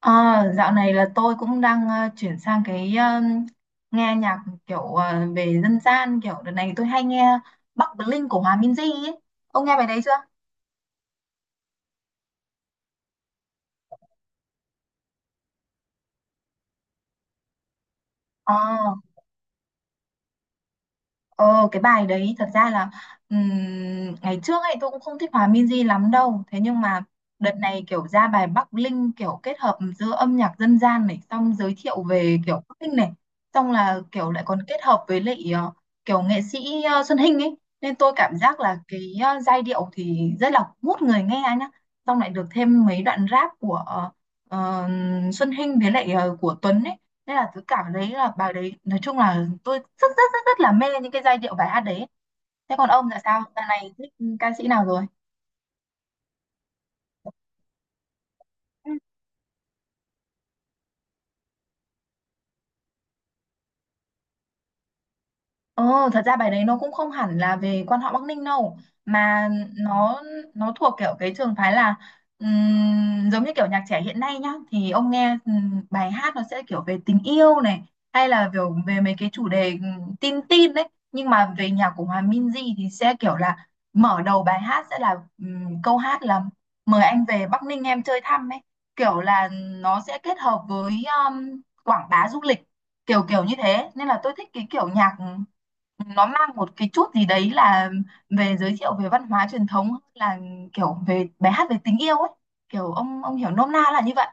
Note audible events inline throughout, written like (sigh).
À, dạo này là tôi cũng đang chuyển sang cái nghe nhạc kiểu về dân gian kiểu đợt này tôi hay nghe Bắc Bling của Hòa Minzy ấy. Ông nghe bài đấy chưa? Ờ. Ờ cái bài đấy thật ra là ngày trước ấy tôi cũng không thích Hòa Minzy lắm đâu, thế nhưng mà đợt này kiểu ra bài Bắc Linh, kiểu kết hợp giữa âm nhạc dân gian này, xong giới thiệu về kiểu Bắc Linh này, xong là kiểu lại còn kết hợp với lại kiểu nghệ sĩ Xuân Hinh ấy, nên tôi cảm giác là cái giai điệu thì rất là hút người nghe anh nhá, xong lại được thêm mấy đoạn rap của ờ, Xuân Hinh với lại của Tuấn ấy, nên là tôi cảm thấy là bài đấy nói chung là tôi rất rất rất rất là mê những cái giai điệu bài hát đấy. Thế còn ông là sao, dạo này thích ca sĩ nào rồi? Ờ, thật ra bài đấy nó cũng không hẳn là về quan họ Bắc Ninh đâu, mà nó nó thuộc kiểu cái trường phái là giống như kiểu nhạc trẻ hiện nay nhá, thì ông nghe bài hát nó sẽ kiểu về tình yêu này, hay là kiểu về mấy cái chủ đề tin tin đấy, nhưng mà về nhạc của Hòa Minzy thì sẽ kiểu là mở đầu bài hát sẽ là câu hát là mời anh về Bắc Ninh em chơi thăm ấy, kiểu là nó sẽ kết hợp với quảng bá du lịch kiểu kiểu như thế, nên là tôi thích cái kiểu nhạc nó mang một cái chút gì đấy là về giới thiệu về văn hóa truyền thống hơn là kiểu về bài hát về tình yêu ấy, kiểu ông hiểu nôm na là như vậy.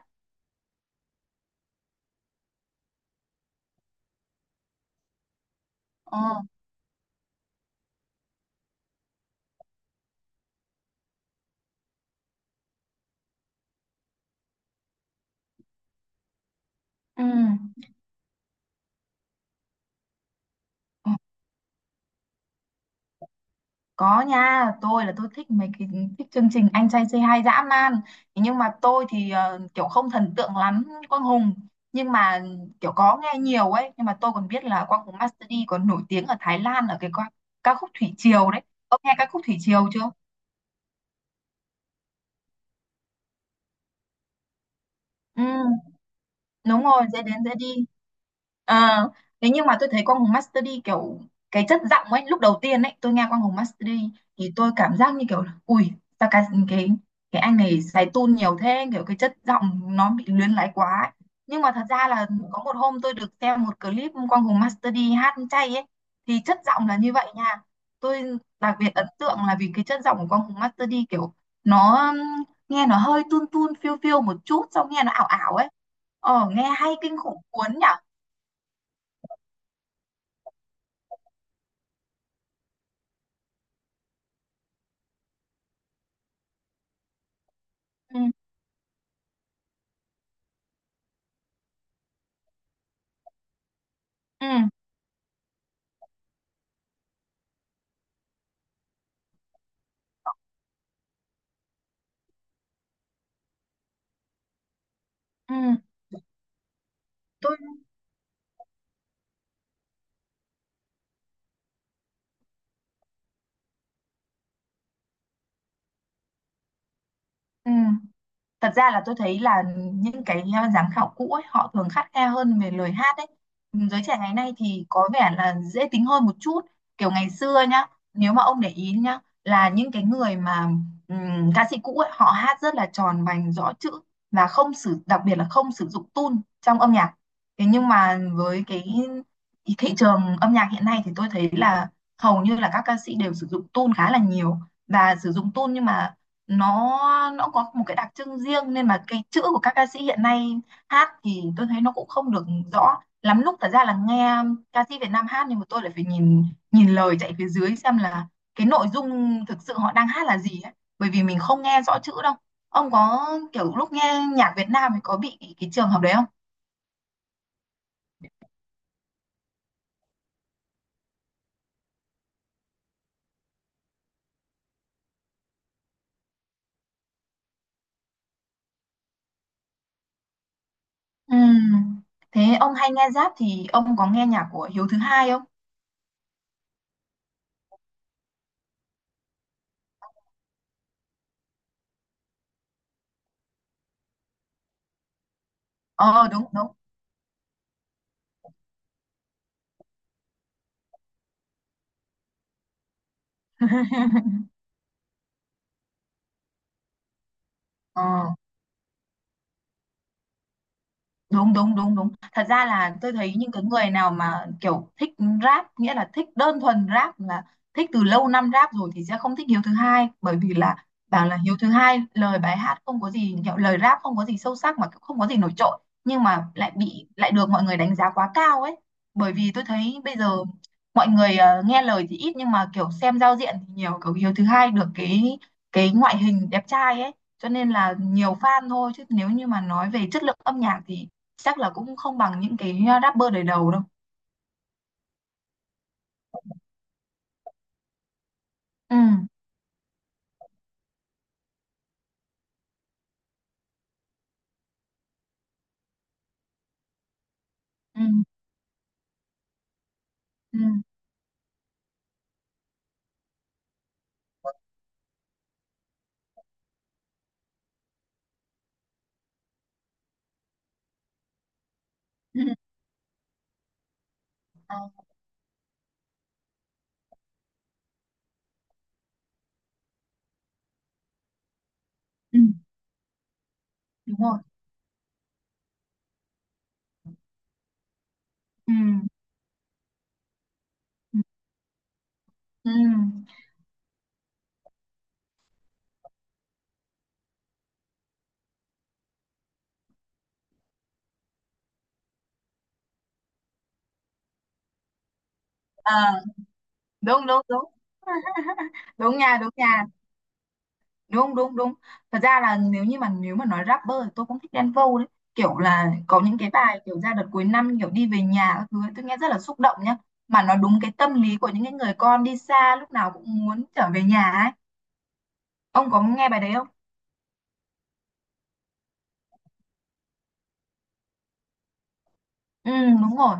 Ờ. Ừ. Ừ. Có nha, tôi là tôi thích mấy cái, thích chương trình anh trai say hi dã man. Thế nhưng mà tôi thì kiểu không thần tượng lắm Quang Hùng, nhưng mà kiểu có nghe nhiều ấy, nhưng mà tôi còn biết là Quang Hùng Master D còn nổi tiếng ở Thái Lan ở cái ca khúc Thủy Triều đấy. Ông nghe ca khúc Thủy Triều chưa? Ừ, đúng rồi, dễ đến dễ đi. À, thế nhưng mà tôi thấy Quang Hùng Master D kiểu cái chất giọng ấy, lúc đầu tiên ấy, tôi nghe Quang Hùng Master D thì tôi cảm giác như kiểu là, ui, sao cái cái anh này xài tune nhiều thế, kiểu cái chất giọng nó bị luyến láy quá ấy. Nhưng mà thật ra là có một hôm tôi được xem một clip Quang Hùng Master D hát chay ấy, thì chất giọng là như vậy nha. Tôi đặc biệt ấn tượng là vì cái chất giọng của Quang Hùng Master D kiểu nó nghe nó hơi tun tun phiêu phiêu một chút, xong nghe nó ảo ảo ấy, ờ nghe hay kinh khủng cuốn nhở. Ừ. Ừ. Ừ. Tôi, ừ, thật ra là tôi thấy là những cái giám khảo cũ ấy, họ thường khắt khe hơn về lời hát ấy, giới trẻ ngày nay thì có vẻ là dễ tính hơn một chút, kiểu ngày xưa nhá, nếu mà ông để ý nhá là những cái người mà ca sĩ cũ ấy họ hát rất là tròn vành rõ chữ và không sử, đặc biệt là không sử dụng tune trong âm nhạc, thế nhưng mà với cái thị trường âm nhạc hiện nay thì tôi thấy là hầu như là các ca sĩ đều sử dụng tune khá là nhiều, và sử dụng tune nhưng mà nó nó có một cái đặc trưng riêng, nên mà cái chữ của các ca sĩ hiện nay hát thì tôi thấy nó cũng không được rõ lắm lúc, thật ra là nghe ca sĩ Việt Nam hát nhưng mà tôi lại phải nhìn nhìn lời chạy phía dưới xem là cái nội dung thực sự họ đang hát là gì ấy. Bởi vì mình không nghe rõ chữ đâu. Ông có kiểu lúc nghe nhạc Việt Nam thì có bị cái trường hợp đấy không? Ừm. Thế ông hay nghe rap thì ông có nghe nhạc của Hiếu thứ hai không? Ờ đúng đúng. Ờ đúng đúng đúng đúng thật ra là tôi thấy những cái người nào mà kiểu thích rap, nghĩa là thích đơn thuần rap, là thích từ lâu năm rap rồi, thì sẽ không thích Hiếu thứ hai, bởi vì là bảo là Hiếu thứ hai lời bài hát không có gì, kiểu lời rap không có gì sâu sắc mà cũng không có gì nổi trội, nhưng mà lại bị lại được mọi người đánh giá quá cao ấy, bởi vì tôi thấy bây giờ mọi người nghe lời thì ít nhưng mà kiểu xem giao diện thì nhiều, kiểu Hiếu thứ hai được cái ngoại hình đẹp trai ấy, cho nên là nhiều fan thôi, chứ nếu như mà nói về chất lượng âm nhạc thì chắc là cũng không bằng những cái rapper đời đầu đâu. Ừ. Ừ. Ừ. Ừ. Ờ. Ừ, đúng rồi. Ừ. Ừ. Ừ. À, đúng đúng đúng. (laughs) Đúng nha, đúng nha. Đúng đúng đúng, thật ra là nếu như mà nếu mà nói rapper thì tôi cũng thích Đen Vâu đấy, kiểu là có những cái bài kiểu ra đợt cuối năm kiểu đi về nhà các thứ ấy, tôi nghe rất là xúc động nhá, mà nó đúng cái tâm lý của những cái người con đi xa lúc nào cũng muốn trở về nhà ấy. Ông có nghe bài đấy không? Ừ, đúng rồi,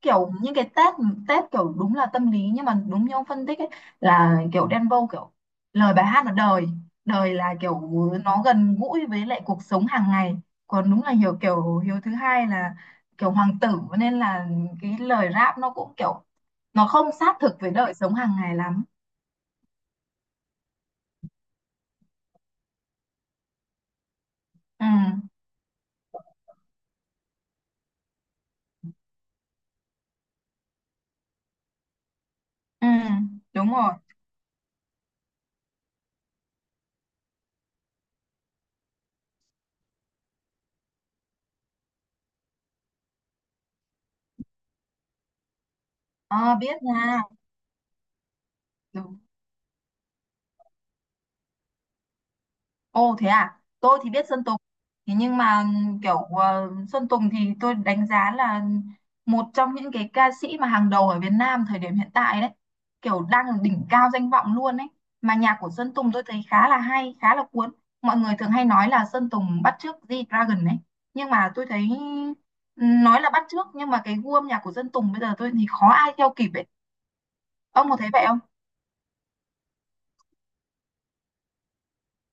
kiểu những cái Tết Tết kiểu đúng là tâm lý, nhưng mà đúng như ông phân tích ấy, là kiểu Đen Vâu kiểu lời bài hát là đời đời là kiểu nó gần gũi với lại cuộc sống hàng ngày, còn đúng là hiểu kiểu Hiếu thứ hai là kiểu hoàng tử, nên là cái lời rap nó cũng kiểu nó không sát thực với đời sống hàng ngày lắm. Ừ. Ừ. Đúng rồi. Ờ biết nha. Đúng. Ồ thế à, tôi thì biết Sơn Tùng. Thế nhưng mà kiểu Sơn Tùng thì tôi đánh giá là một trong những cái ca sĩ mà hàng đầu ở Việt Nam thời điểm hiện tại đấy. Kiểu đang ở đỉnh cao danh vọng luôn đấy. Mà nhạc của Sơn Tùng tôi thấy khá là hay, khá là cuốn. Mọi người thường hay nói là Sơn Tùng bắt chước G-Dragon đấy. Nhưng mà tôi thấy nói là bắt chước nhưng mà cái gu âm nhạc của Sơn Tùng bây giờ tôi thì khó ai theo kịp ấy. Ông có thấy vậy không?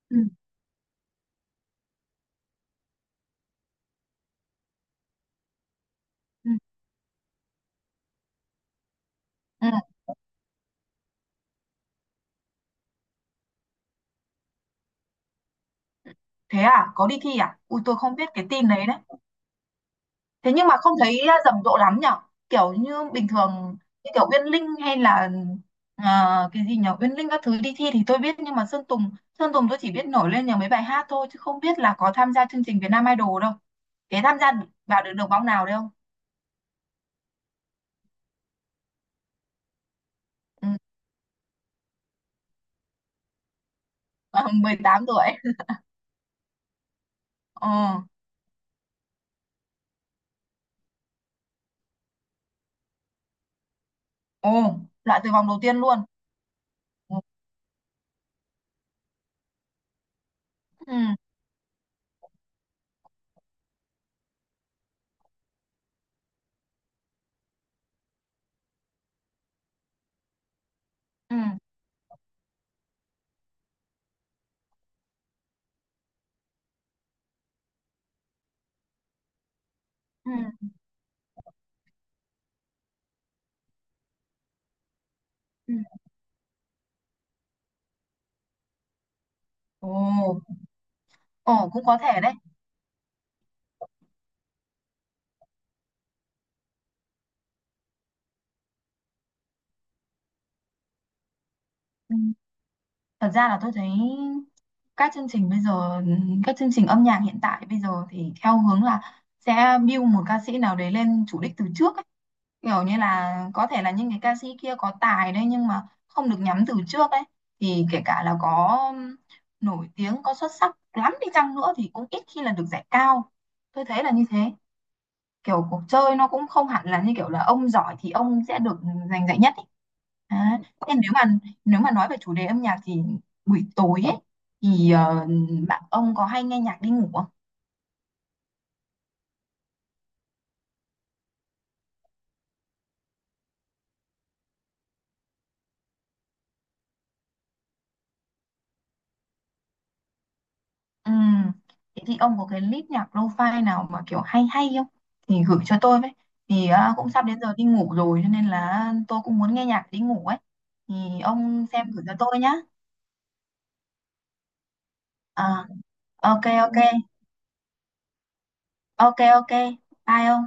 Ừ. Ừ. Ừ, thế à, có đi thi à? Ui tôi không biết cái tin đấy đấy. Thế nhưng mà không thấy à, rầm rộ lắm nhở, kiểu như bình thường như kiểu Uyên Linh hay là, à, cái gì nhở, Uyên Linh các thứ đi thi thì tôi biết nhưng mà Sơn Tùng tôi chỉ biết nổi lên nhờ mấy bài hát thôi chứ không biết là có tham gia chương trình Việt Nam Idol đâu. Thế tham gia vào được được vòng nào đấy không? Ừ, à, 18 tuổi. Ờ. Ồ, loại từ vòng đầu tiên luôn. Ừ. Ừ. Ừ. Ừ. Ừ. Ồ. Ồ cũng có thể đấy. Ừ. Thật ra là tôi thấy các chương trình bây giờ, các chương trình âm nhạc hiện tại bây giờ thì theo hướng là sẽ build một ca sĩ nào đấy lên chủ đích từ trước ấy. Kiểu như là có thể là những cái ca sĩ kia có tài đấy nhưng mà không được nhắm từ trước ấy. Thì kể cả là có nổi tiếng, có xuất sắc lắm đi chăng nữa thì cũng ít khi là được giải cao. Tôi thấy là như thế, kiểu cuộc chơi nó cũng không hẳn là như kiểu là ông giỏi thì ông sẽ được giành giải nhất ấy. Đấy. Thế nếu mà nói về chủ đề âm nhạc thì buổi tối ấy, thì bạn ông có hay nghe nhạc đi ngủ không? Ừ. Thế thì ông có cái list nhạc lo-fi nào mà kiểu hay hay không? Thì gửi cho tôi với. Thì à, cũng sắp đến giờ đi ngủ rồi cho nên là tôi cũng muốn nghe nhạc đi ngủ ấy. Thì ông xem gửi cho tôi nhá. À, ok ok. Ok ok. Bye ông.